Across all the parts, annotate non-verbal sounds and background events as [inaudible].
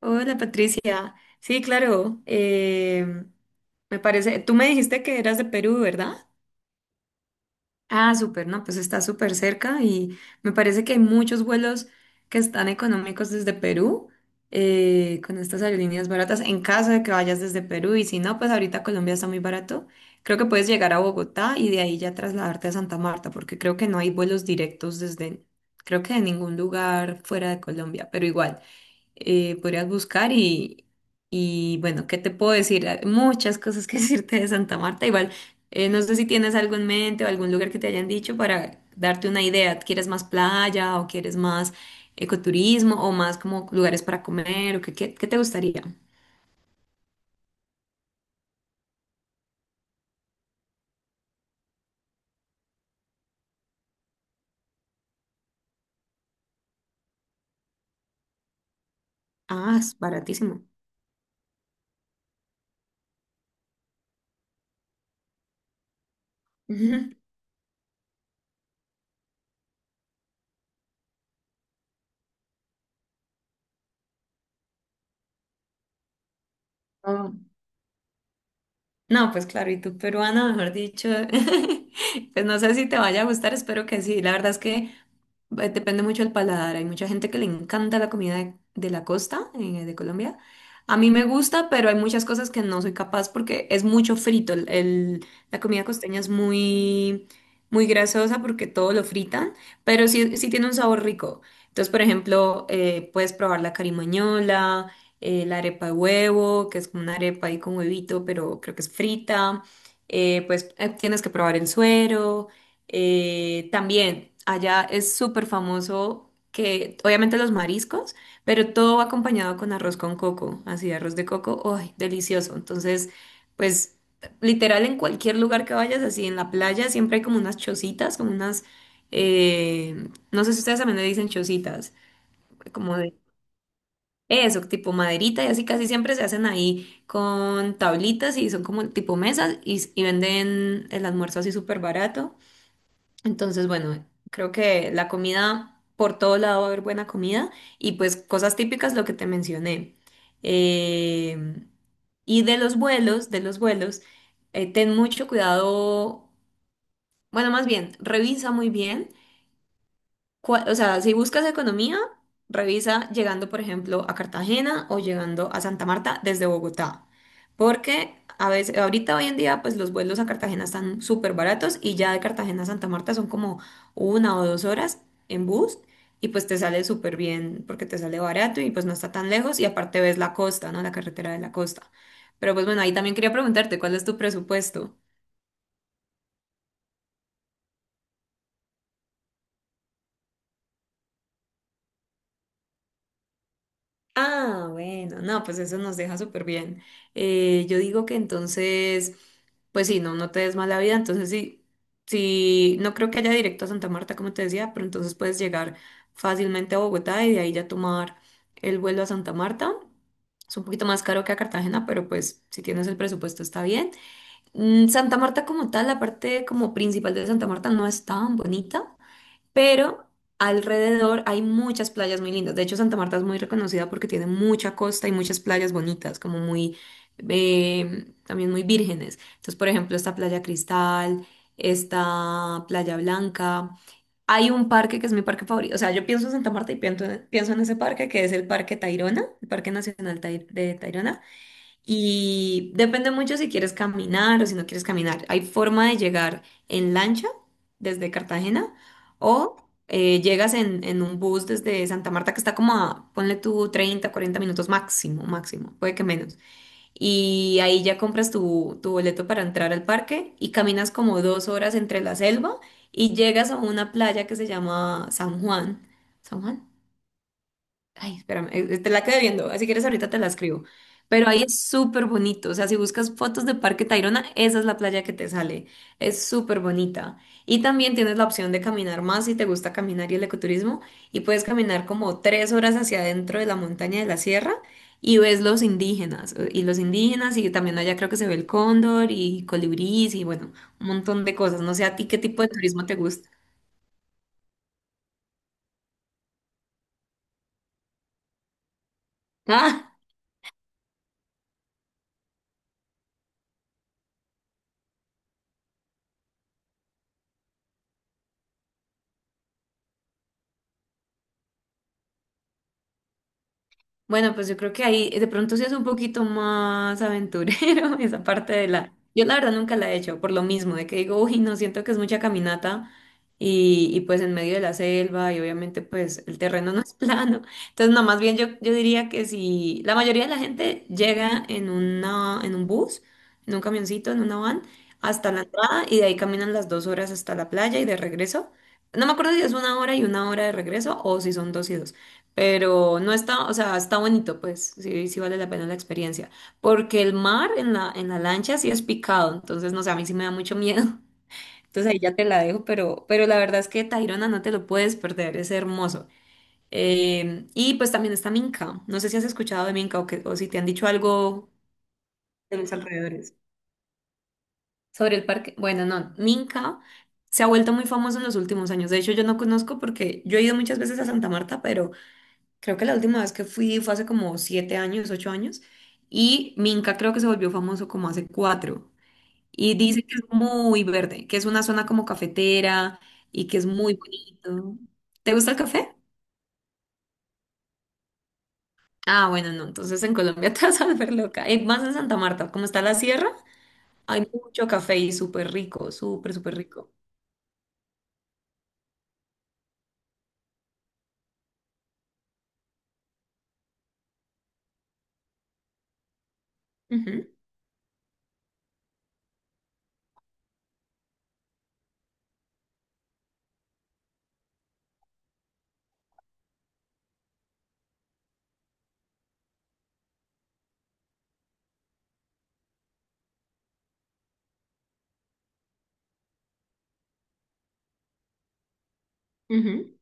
Hola Patricia. Sí, claro. Me parece, tú me dijiste que eras de Perú, ¿verdad? Ah, súper, no, pues está súper cerca y me parece que hay muchos vuelos que están económicos desde Perú con estas aerolíneas baratas en caso de que vayas desde Perú y si no, pues ahorita Colombia está muy barato. Creo que puedes llegar a Bogotá y de ahí ya trasladarte a Santa Marta porque creo que no hay vuelos directos desde, creo que de ningún lugar fuera de Colombia, pero igual podrías buscar y bueno, ¿qué te puedo decir? Hay muchas cosas que [laughs] decirte de Santa Marta. Igual, no sé si tienes algo en mente o algún lugar que te hayan dicho para darte una idea. ¿Quieres más playa o quieres más ecoturismo o más como lugares para comer o qué te gustaría? Ah, es baratísimo. Ujú. [laughs] Oh, no, pues claro, y tú peruana, mejor dicho, [laughs] pues no sé si te vaya a gustar, espero que sí. La verdad es que, depende mucho del paladar. Hay mucha gente que le encanta la comida de la costa, de Colombia. A mí me gusta, pero hay muchas cosas que no soy capaz porque es mucho frito. La comida costeña es muy, muy grasosa porque todo lo fritan, pero sí, sí tiene un sabor rico. Entonces, por ejemplo, puedes probar la carimañola, la arepa de huevo, que es como una arepa ahí con huevito, pero creo que es frita. Pues tienes que probar el suero. También allá es súper famoso que, obviamente los mariscos, pero todo va acompañado con arroz con coco, así arroz de coco, ¡ay, delicioso! Entonces, pues literal en cualquier lugar que vayas, así en la playa, siempre hay como unas chocitas, como unas, no sé si ustedes también le dicen chocitas, como de... eso, tipo maderita y así casi siempre se hacen ahí con tablitas y son como tipo mesas y venden el almuerzo así súper barato. Entonces, bueno, creo que la comida, por todo lado va a haber buena comida y pues cosas típicas, lo que te mencioné. Eh, y de los vuelos, ten mucho cuidado, bueno, más bien, revisa muy bien o sea, si buscas economía, revisa llegando, por ejemplo, a Cartagena o llegando a Santa Marta desde Bogotá. Porque a veces, ahorita hoy en día, pues los vuelos a Cartagena están súper baratos y ya de Cartagena a Santa Marta son como 1 o 2 horas en bus y pues te sale súper bien porque te sale barato y pues no está tan lejos y aparte ves la costa, ¿no? La carretera de la costa. Pero pues bueno, ahí también quería preguntarte, ¿cuál es tu presupuesto? Ah, bueno, no, pues eso nos deja súper bien. Yo digo que entonces, pues sí, no, no te des mala vida, entonces sí, sí, no creo que haya directo a Santa Marta, como te decía, pero entonces puedes llegar fácilmente a Bogotá y de ahí ya tomar el vuelo a Santa Marta. Es un poquito más caro que a Cartagena, pero pues si tienes el presupuesto está bien. Santa Marta como tal, la parte como principal de Santa Marta no es tan bonita pero alrededor hay muchas playas muy lindas. De hecho, Santa Marta es muy reconocida porque tiene mucha costa y muchas playas bonitas, como muy, también muy vírgenes. Entonces, por ejemplo, esta Playa Cristal, esta Playa Blanca. Hay un parque que es mi parque favorito. O sea, yo pienso en Santa Marta y pienso en ese parque, que es el Parque Tayrona, el Parque Nacional de Tayrona. Y depende mucho si quieres caminar o si no quieres caminar. Hay forma de llegar en lancha desde Cartagena o llegas en un bus desde Santa Marta que está como a, ponle tú 30, 40 minutos máximo, máximo, puede que menos. Y ahí ya compras tu boleto para entrar al parque y caminas como 2 horas entre la selva y llegas a una playa que se llama San Juan. ¿San Juan? Ay, espérame, te la quedé viendo, así quieres ahorita te la escribo. Pero ahí es súper bonito, o sea, si buscas fotos de Parque Tayrona, esa es la playa que te sale, es súper bonita. Y también tienes la opción de caminar más si te gusta caminar y el ecoturismo, y puedes caminar como 3 horas hacia adentro de la montaña de la sierra y ves los indígenas, y también allá creo que se ve el cóndor y colibrís y bueno, un montón de cosas. No sé a ti qué tipo de turismo te gusta. [laughs] Bueno, pues yo creo que ahí de pronto sí es un poquito más aventurero [laughs] esa parte de la. Yo la verdad nunca la he hecho, por lo mismo, de que digo, uy, no siento que es mucha caminata y pues en medio de la selva y obviamente pues el terreno no es [laughs] plano. Entonces, no, más bien yo diría que si la mayoría de la gente llega en una, en un bus, en un camioncito, en una van, hasta la entrada y de ahí caminan las 2 horas hasta la playa y de regreso. No me acuerdo si es una hora y una hora de regreso o si son dos y dos. Pero no está, o sea, está bonito, pues, sí, sí vale la pena la experiencia. Porque el mar en la lancha sí es picado, entonces, no sé, a mí sí me da mucho miedo. [laughs] Entonces ahí ya te la dejo, pero la verdad es que Tayrona no te lo puedes perder, es hermoso. Y pues también está Minca. No sé si has escuchado de Minca o si te han dicho algo de los alrededores. Sobre el parque, bueno, no, Minca se ha vuelto muy famoso en los últimos años. De hecho, yo no conozco porque yo he ido muchas veces a Santa Marta, pero creo que la última vez que fui fue hace como 7 años, 8 años, y Minca creo que se volvió famoso como hace cuatro. Y dice que es muy verde, que es una zona como cafetera y que es muy bonito. ¿Te gusta el café? Ah, bueno, no, entonces en Colombia [laughs] te vas a volver loca. Y más en Santa Marta, como está la sierra, hay mucho café y súper rico, súper, súper rico. Ujú, ujú.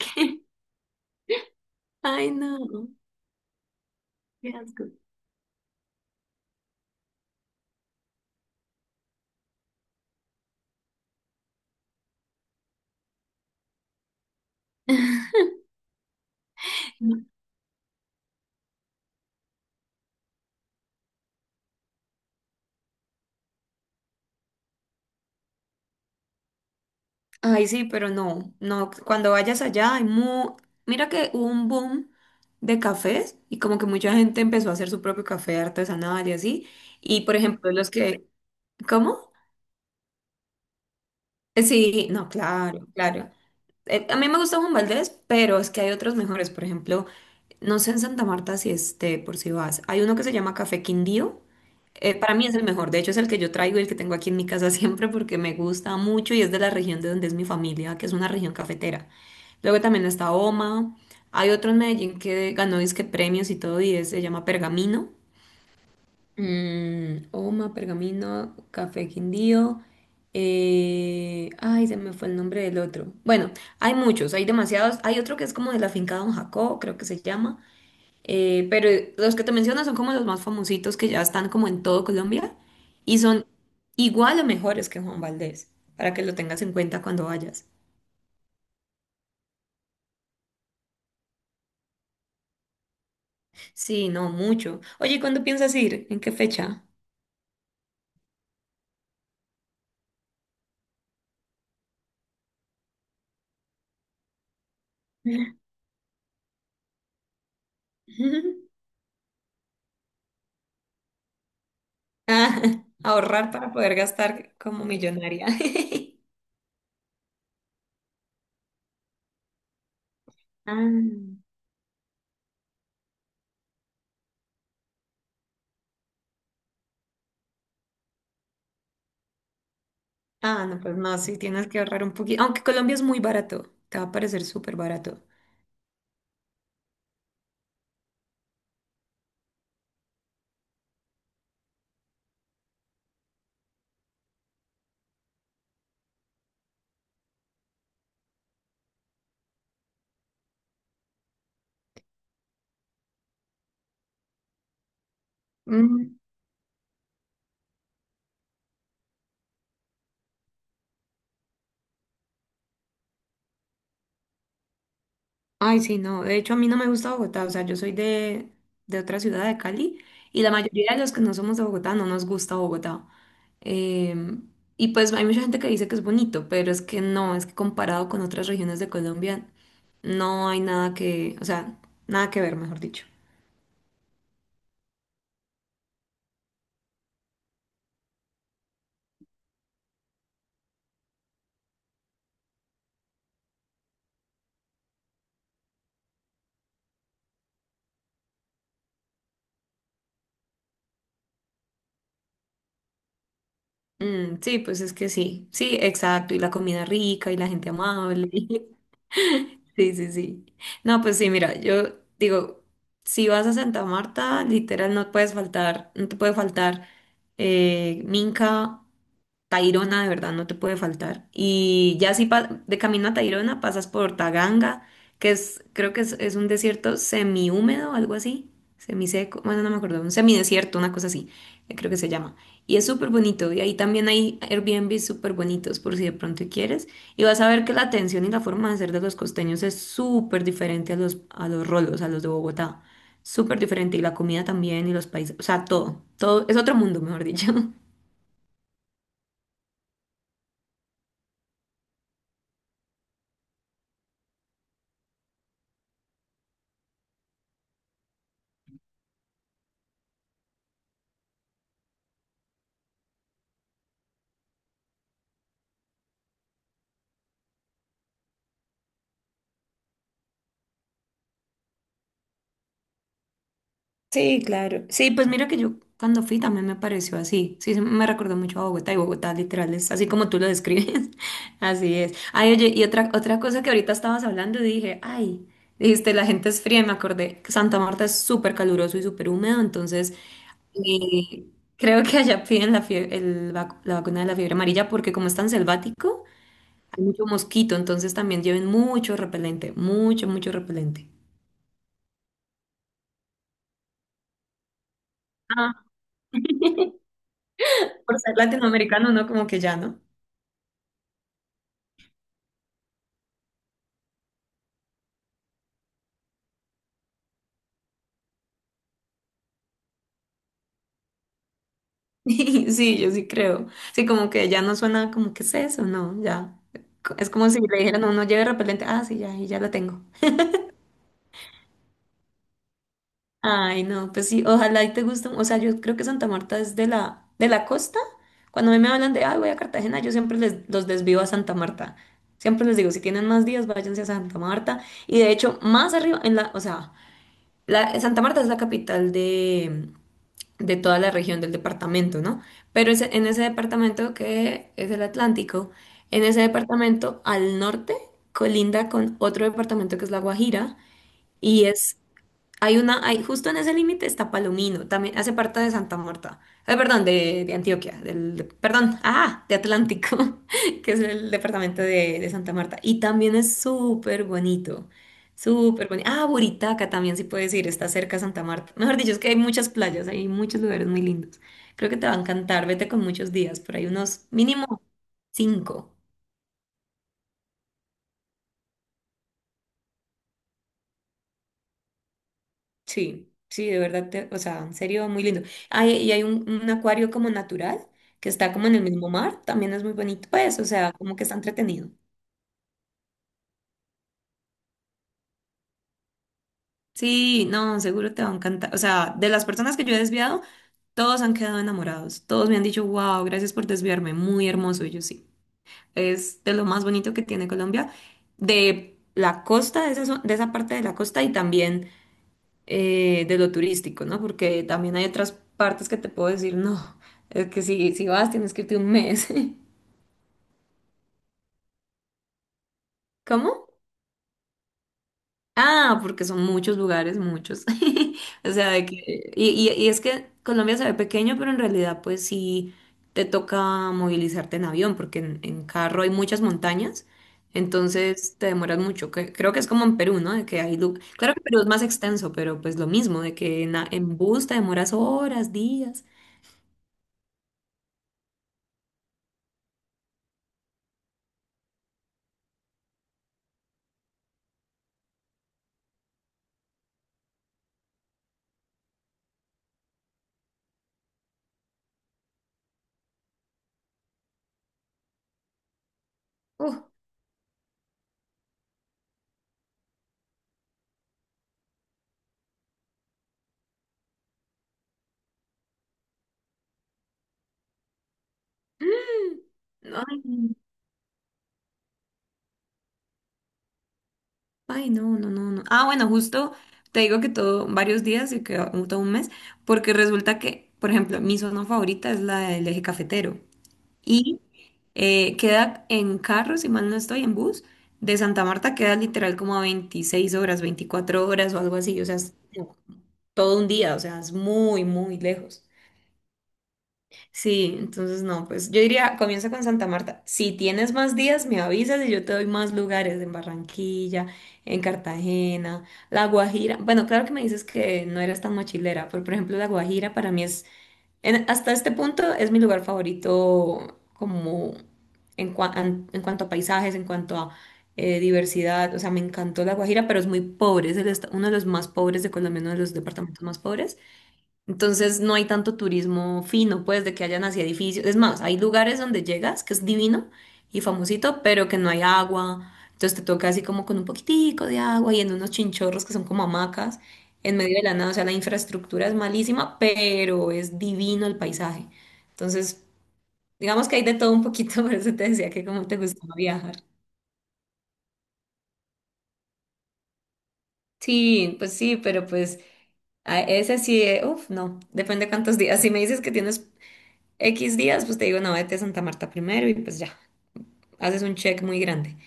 [laughs] Ay, no, qué asco. [laughs] Ay, sí, pero no, no, cuando vayas allá mira que hubo un boom de cafés y como que mucha gente empezó a hacer su propio café artesanal y así. Y por ejemplo, ¿cómo? Sí, no, claro, claro. A mí me gusta Juan Valdez, pero es que hay otros mejores. Por ejemplo, no sé en Santa Marta si esté, por si vas. Hay uno que se llama Café Quindío. Para mí es el mejor, de hecho es el que yo traigo y el que tengo aquí en mi casa [laughs] siempre porque me gusta mucho y es de la región de donde es mi familia, que es una región cafetera. Luego también está Oma, hay otro en Medellín que ganó disque premios y todo y se llama Pergamino. Oma, Pergamino, Café Quindío. Ay, se me fue el nombre del otro. Bueno, hay muchos, hay demasiados. Hay otro que es como de la finca Don Jacobo, creo que se llama. Pero los que te menciono son como los más famositos que ya están como en todo Colombia y son igual o mejores que Juan Valdés, para que lo tengas en cuenta cuando vayas. Sí, no, mucho. Oye, ¿y cuándo piensas ir? ¿En qué fecha? [laughs] Ah, ahorrar para poder gastar como millonaria. [laughs] Ah, ah, no, pues no, sí, tienes que ahorrar un poquito. Aunque Colombia es muy barato, te va a parecer súper barato. Ay, sí, no. De hecho, a mí no me gusta Bogotá. O sea, yo soy de otra ciudad de Cali y la mayoría de los que no somos de Bogotá no nos gusta Bogotá. Em, y pues hay mucha gente que dice que es bonito, pero es que no, es que comparado con otras regiones de Colombia, no hay nada que, o sea, nada que ver, mejor dicho. Mm, sí, pues es que sí, sí, exacto. Y la comida rica y la gente amable. [laughs] Sí, sí, sí. No, pues sí, mira, yo digo, si vas a Santa Marta, literal no puedes faltar, no te puede faltar Minca, Tayrona de verdad no te puede faltar. Y ya si de camino a Tayrona pasas por Taganga, creo que es un desierto semihúmedo, algo así, semiseco, bueno, no me acuerdo, un semidesierto, una cosa así, creo que se llama. Y es súper bonito, y ahí también hay Airbnb súper bonitos, por si de pronto quieres. Y vas a ver que la atención y la forma de ser de los costeños es súper diferente a los rolos, a los de Bogotá. Súper diferente, y la comida también, y los países, o sea, todo, todo, es otro mundo, mejor dicho. [laughs] Sí, claro. Sí, pues mira que yo cuando fui también me pareció así. Sí, me recordó mucho a Bogotá, y Bogotá literal es así como tú lo describes. [laughs] Así es. Ay, oye, y otra cosa que ahorita estabas hablando y dije, ay, dijiste, la gente es fría y me acordé que Santa Marta es súper caluroso y súper húmedo, entonces eh, creo que allá piden la vacuna de la fiebre amarilla porque como es tan selvático, hay mucho mosquito, entonces también lleven mucho repelente, mucho, mucho repelente. Ah. [laughs] Por ser latinoamericano, ¿no? Como que ya, ¿no? [laughs] Sí, yo sí creo. Sí, como que ya no suena como que es eso, no, ya. Es como si le dijeran, no, no lleve repelente. Ah, sí, ya, y ya lo tengo. Ay, no, pues sí, ojalá y te guste. O sea, yo creo que Santa Marta es de la costa. Cuando a mí me hablan de, ay, voy a Cartagena, yo siempre les, los desvío a Santa Marta. Siempre les digo, si tienen más días, váyanse a Santa Marta. Y de hecho, más arriba, en la, o sea, la, Santa Marta es la capital de toda la región del departamento, ¿no? Pero en ese departamento que es el Atlántico, en ese departamento al norte colinda con otro departamento que es La Guajira y es, hay una, hay, justo en ese límite está Palomino, también hace parte de Santa Marta, perdón, de Antioquia, perdón, ah, de Atlántico, [laughs] que es el departamento de Santa Marta. Y también es súper bonito, súper bonito. Ah, Buritaca también sí puedes ir, está cerca de Santa Marta. Mejor dicho, es que hay muchas playas, hay muchos lugares muy lindos. Creo que te va a encantar, vete con muchos días, pero hay unos mínimo cinco. Sí, sí, de verdad, te- o sea, en serio, muy lindo. Hay, y hay un acuario como natural que está como en el mismo mar, también es muy bonito, pues, o sea, como que está entretenido. Sí, no, seguro te va a encantar. O sea, de las personas que yo he desviado, todos han quedado enamorados. Todos me han dicho, wow, gracias por desviarme, muy hermoso. Y yo sí, es de lo más bonito que tiene Colombia, de la costa, de esa, de esa parte de la costa y también de lo turístico, ¿no? Porque también hay otras partes que te puedo decir, no, es que si, si vas tienes que irte un mes. [laughs] ¿Cómo? Ah, porque son muchos lugares, muchos. [laughs] O sea, de que, y es que Colombia se ve pequeño, pero en realidad pues sí te toca movilizarte en avión, porque en carro hay muchas montañas, entonces te demoras mucho. Que- creo que es como en Perú, ¿no? De que hay claro que Perú es más extenso, pero pues lo mismo, de que en, en bus te demoras horas, días. [gasps] Ay, ay, no, no, no, no. Ah, bueno, justo te digo que todo, varios días y que todo un mes, porque resulta que, por ejemplo, mi zona favorita es la del eje cafetero y queda en carro, si mal no estoy, en bus, de Santa Marta queda literal como a 26 horas, 24 horas o algo así, o sea, es no, todo un día, o sea, es muy, muy lejos. Sí, entonces no, pues yo diría, comienza con Santa Marta. Si tienes más días, me avisas y yo te doy más lugares en Barranquilla, en Cartagena, La Guajira. Bueno, claro que me dices que no eras tan mochilera, pero por ejemplo, La Guajira para mí es, hasta este punto es mi lugar favorito como en, en cuanto a paisajes, en cuanto a diversidad. O sea, me encantó La Guajira, pero es muy pobre, es uno de los más pobres de Colombia, uno de los departamentos más pobres. Entonces no hay tanto turismo fino, pues, de que hayan así edificios. Es más, hay lugares donde llegas, que es divino y famosito, pero que no hay agua. Entonces te toca así como con un poquitico de agua y en unos chinchorros que son como hamacas, en medio de la nada. O sea, la infraestructura es malísima, pero es divino el paisaje. Entonces, digamos que hay de todo un poquito, [laughs] por eso te decía que como te gustaba viajar. Sí, pues sí, pero pues a ese sí, uff, no, depende cuántos días. Si me dices que tienes X días, pues te digo, no, vete a Santa Marta primero y pues ya, haces un check muy grande.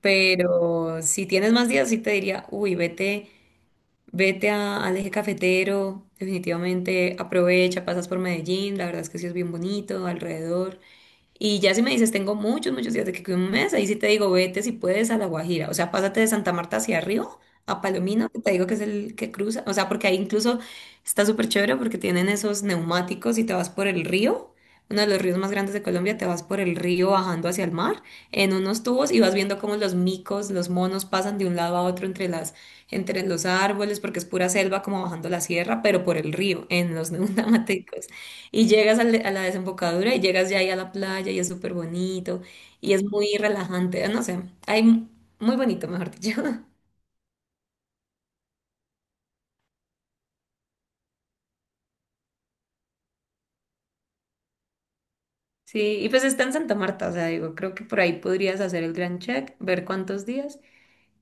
Pero si tienes más días, sí te diría, uy, vete, vete al eje cafetero, definitivamente aprovecha, pasas por Medellín, la verdad es que sí es bien bonito alrededor. Y ya si me dices, tengo muchos, muchos días de que cuido un mes, ahí sí te digo, vete si puedes a La Guajira. O sea, pásate de Santa Marta hacia arriba, a Palomino, que te digo que es el que cruza. O sea, porque ahí incluso está súper chévere porque tienen esos neumáticos y te vas por el río. Uno de los ríos más grandes de Colombia, te vas por el río bajando hacia el mar en unos tubos y vas viendo cómo los micos, los monos pasan de un lado a otro entre las, entre los árboles, porque es pura selva como bajando la sierra, pero por el río, en los [laughs] neumáticos. Y llegas a la, desembocadura y llegas ya ahí a la playa y es súper bonito y es muy relajante, no sé, hay muy bonito, mejor dicho. [laughs] Sí, y pues está en Santa Marta, o sea, digo, creo que por ahí podrías hacer el gran check, ver cuántos días.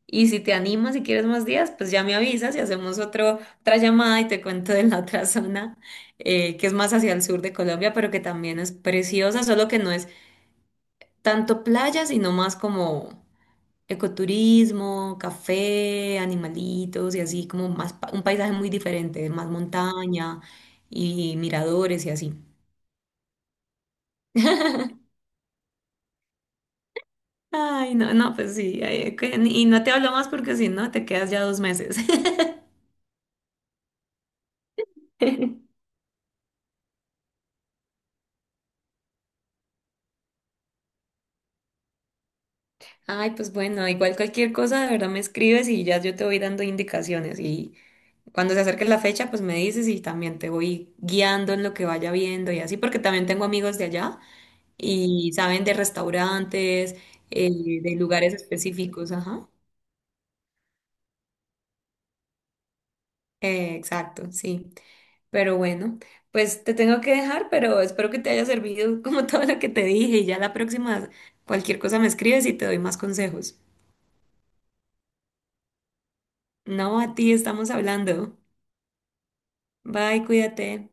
Y si te animas y quieres más días, pues ya me avisas y hacemos otra llamada y te cuento de la otra zona, que es más hacia el sur de Colombia, pero que también es preciosa, solo que no es tanto playa, sino más como ecoturismo, café, animalitos y así como más un paisaje muy diferente, más montaña y miradores y así. Ay, no, no, pues sí, ay, y no te hablo más porque si no te quedas ya 2 meses. [laughs] Ay, pues bueno, igual cualquier cosa, de verdad me escribes y ya yo te voy dando indicaciones y cuando se acerque la fecha, pues me dices y también te voy guiando en lo que vaya viendo y así, porque también tengo amigos de allá y saben de restaurantes, de lugares específicos, ajá. Exacto, sí. Pero bueno, pues te tengo que dejar, pero espero que te haya servido como [laughs] todo lo que te dije y ya la próxima, cualquier cosa me escribes y te doy más consejos. No, a ti, estamos hablando. Bye, cuídate.